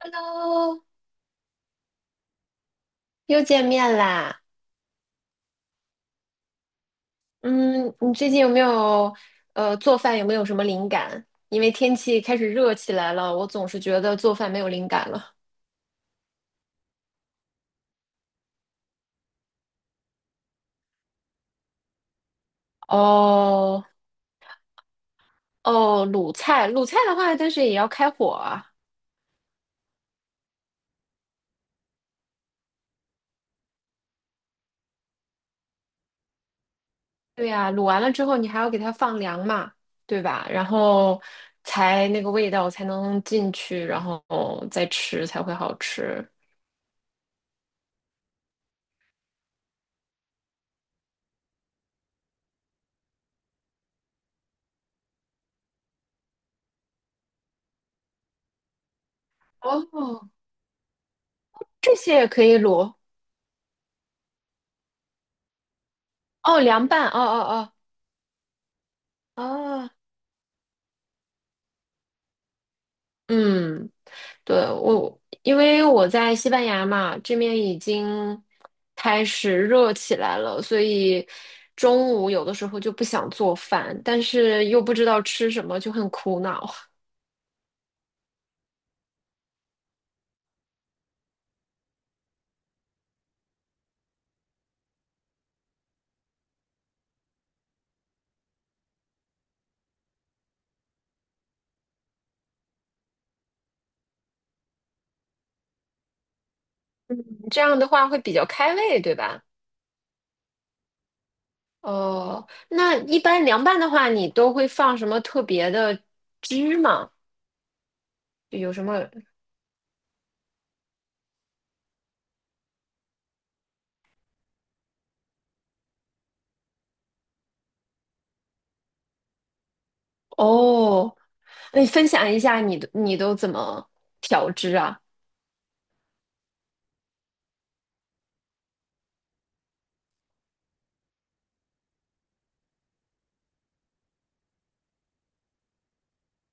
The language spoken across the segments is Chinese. Hello，又见面啦。嗯，你最近有没有做饭有没有什么灵感？因为天气开始热起来了，我总是觉得做饭没有灵感了。哦哦，卤菜，卤菜的话，但是也要开火啊。对呀，卤完了之后你还要给它放凉嘛，对吧？然后才那个味道才能进去，然后再吃才会好吃。哦，这些也可以卤。哦，凉拌。哦哦哦哦，嗯。对，因为我在西班牙嘛，这面已经开始热起来了，所以中午有的时候就不想做饭，但是又不知道吃什么，就很苦恼。嗯，这样的话会比较开胃，对吧？哦，那一般凉拌的话，你都会放什么特别的汁吗？有什么？哦，那你分享一下你都怎么调汁啊？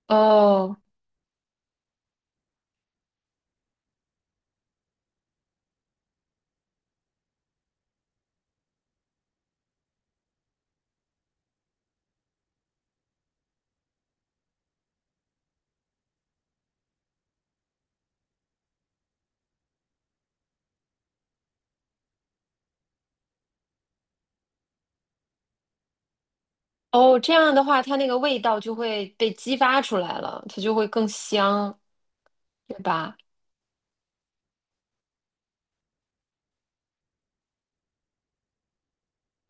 哦。哦，这样的话，它那个味道就会被激发出来了，它就会更香，对吧？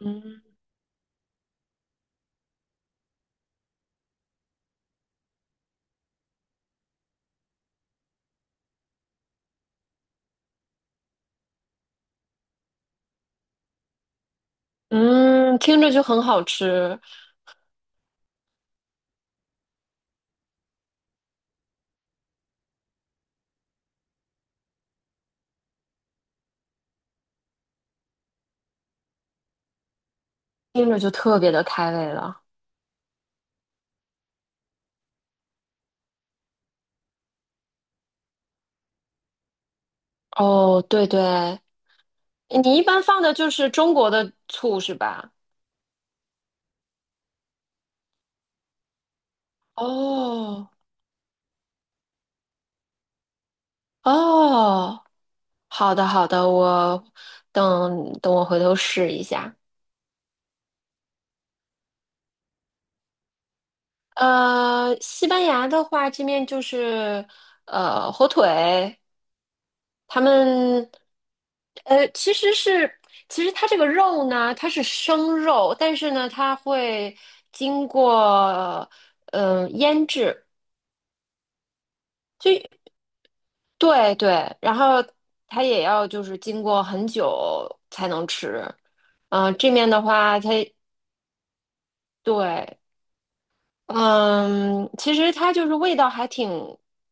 嗯嗯，听着就很好吃，听着就特别的开胃了。哦，对对，你一般放的就是中国的醋是吧？哦哦，好的好的，等等我回头试一下。西班牙的话，这面就是火腿，他们，呃，其实是，其实它这个肉呢，它是生肉，但是呢，它会经过腌制，就对对，然后它也要就是经过很久才能吃，嗯、这面的话，它对嗯，其实它就是味道还挺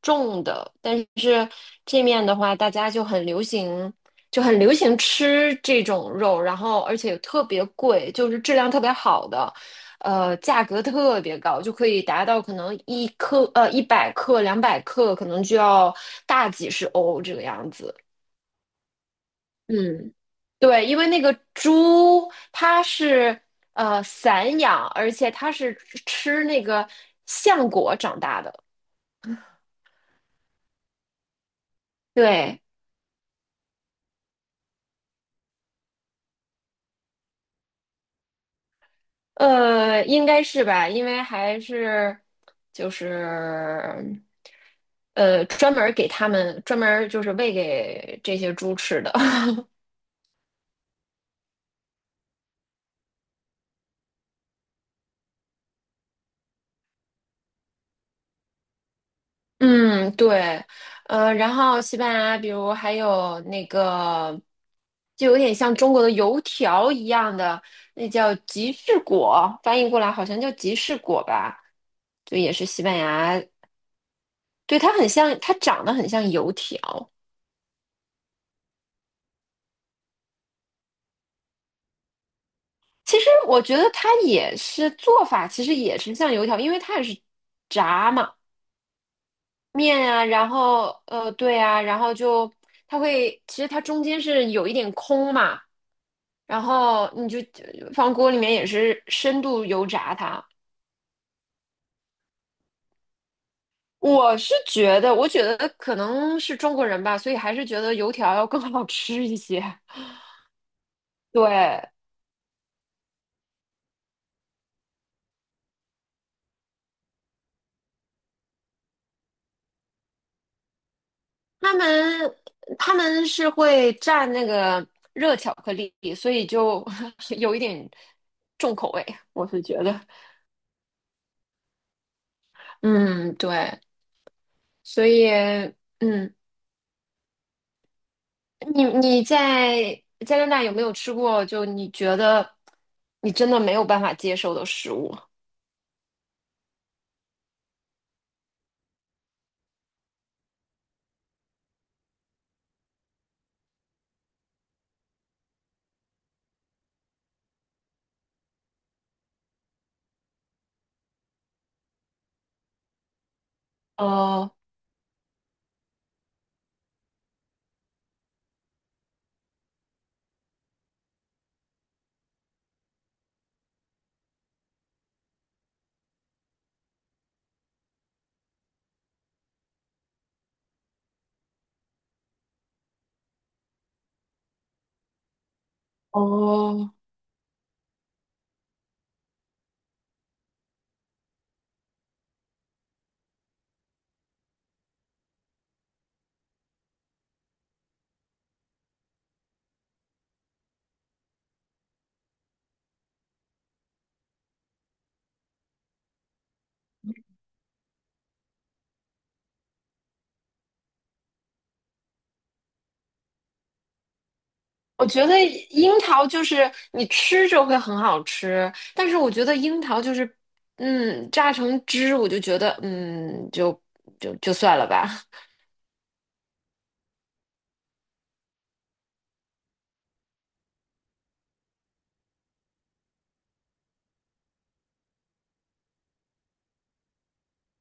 重的，但是这面的话，大家就很流行，就很流行吃这种肉，然后而且特别贵，就是质量特别好的，价格特别高，就可以达到可能100克、200克，可能就要大几十欧这个样子。嗯。对，因为那个猪它是散养，而且它是吃那个橡果长大的。对，应该是吧，因为就是专门儿给它们专门儿就是喂给这些猪吃的。嗯，对，然后西班牙，还有那个，就有点像中国的油条一样的，那叫吉士果，翻译过来好像叫吉士果吧，就也是西班牙，对，它很像，它长得很像油条。其实我觉得它也是做法，其实也是像油条，因为它也是炸嘛。面啊，然后对啊，然后就它会，其实它中间是有一点空嘛，然后你就放锅里面也是深度油炸它。我觉得可能是中国人吧，所以还是觉得油条要更 好吃一些。对，他们他们是会蘸那个热巧克力，所以就 有一点重口味，我是觉得，嗯，对，所以嗯。你在加拿大有没有吃过就你觉得你真的没有办法接受的食物？哦哦，我觉得樱桃就是你吃着会很好吃，但是我觉得樱桃就是，嗯，榨成汁我就觉得，嗯，就算了吧，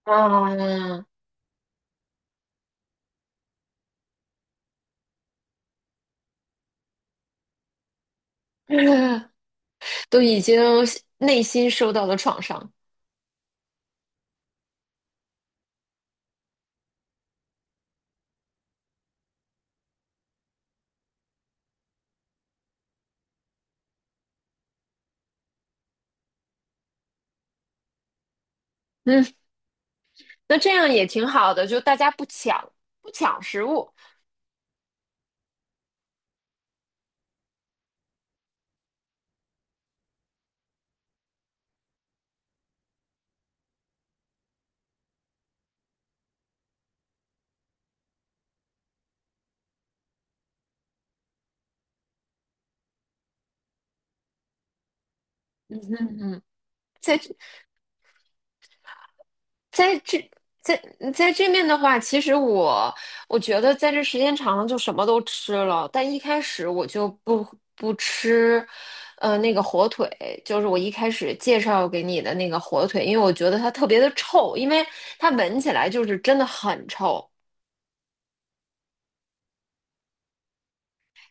啊，都已经内心受到了创伤，嗯，那这样也挺好的，就大家不抢不抢食物。在。在这在在这面的话，其实我觉得在这时间长了就什么都吃了，但一开始我就不不吃，那个火腿，就是我一开始介绍给你的那个火腿，因为我觉得它特别的臭，因为它闻起来就是真的很臭，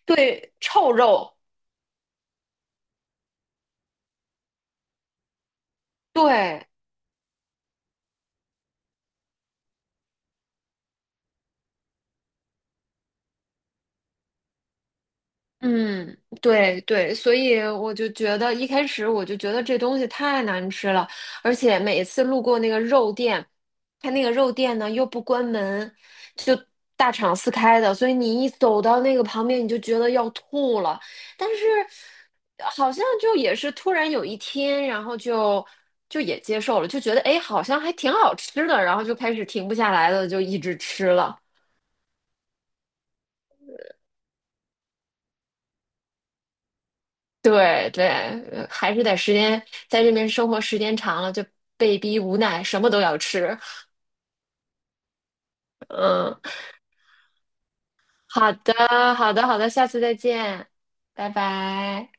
对，臭肉，对，嗯，对对，所以我就觉得一开始我就觉得这东西太难吃了，而且每一次路过那个肉店，它那个肉店呢又不关门，就大敞四开的，所以你一走到那个旁边，你就觉得要吐了。但是好像就也是突然有一天，然后就就也接受了，就觉得哎，诶好像还挺好吃的，然后就开始停不下来了，就一直吃了。对对，还是得时间在这边生活时间长了，就被逼无奈，什么都要吃。嗯，好的，好的，好的，下次再见，拜拜。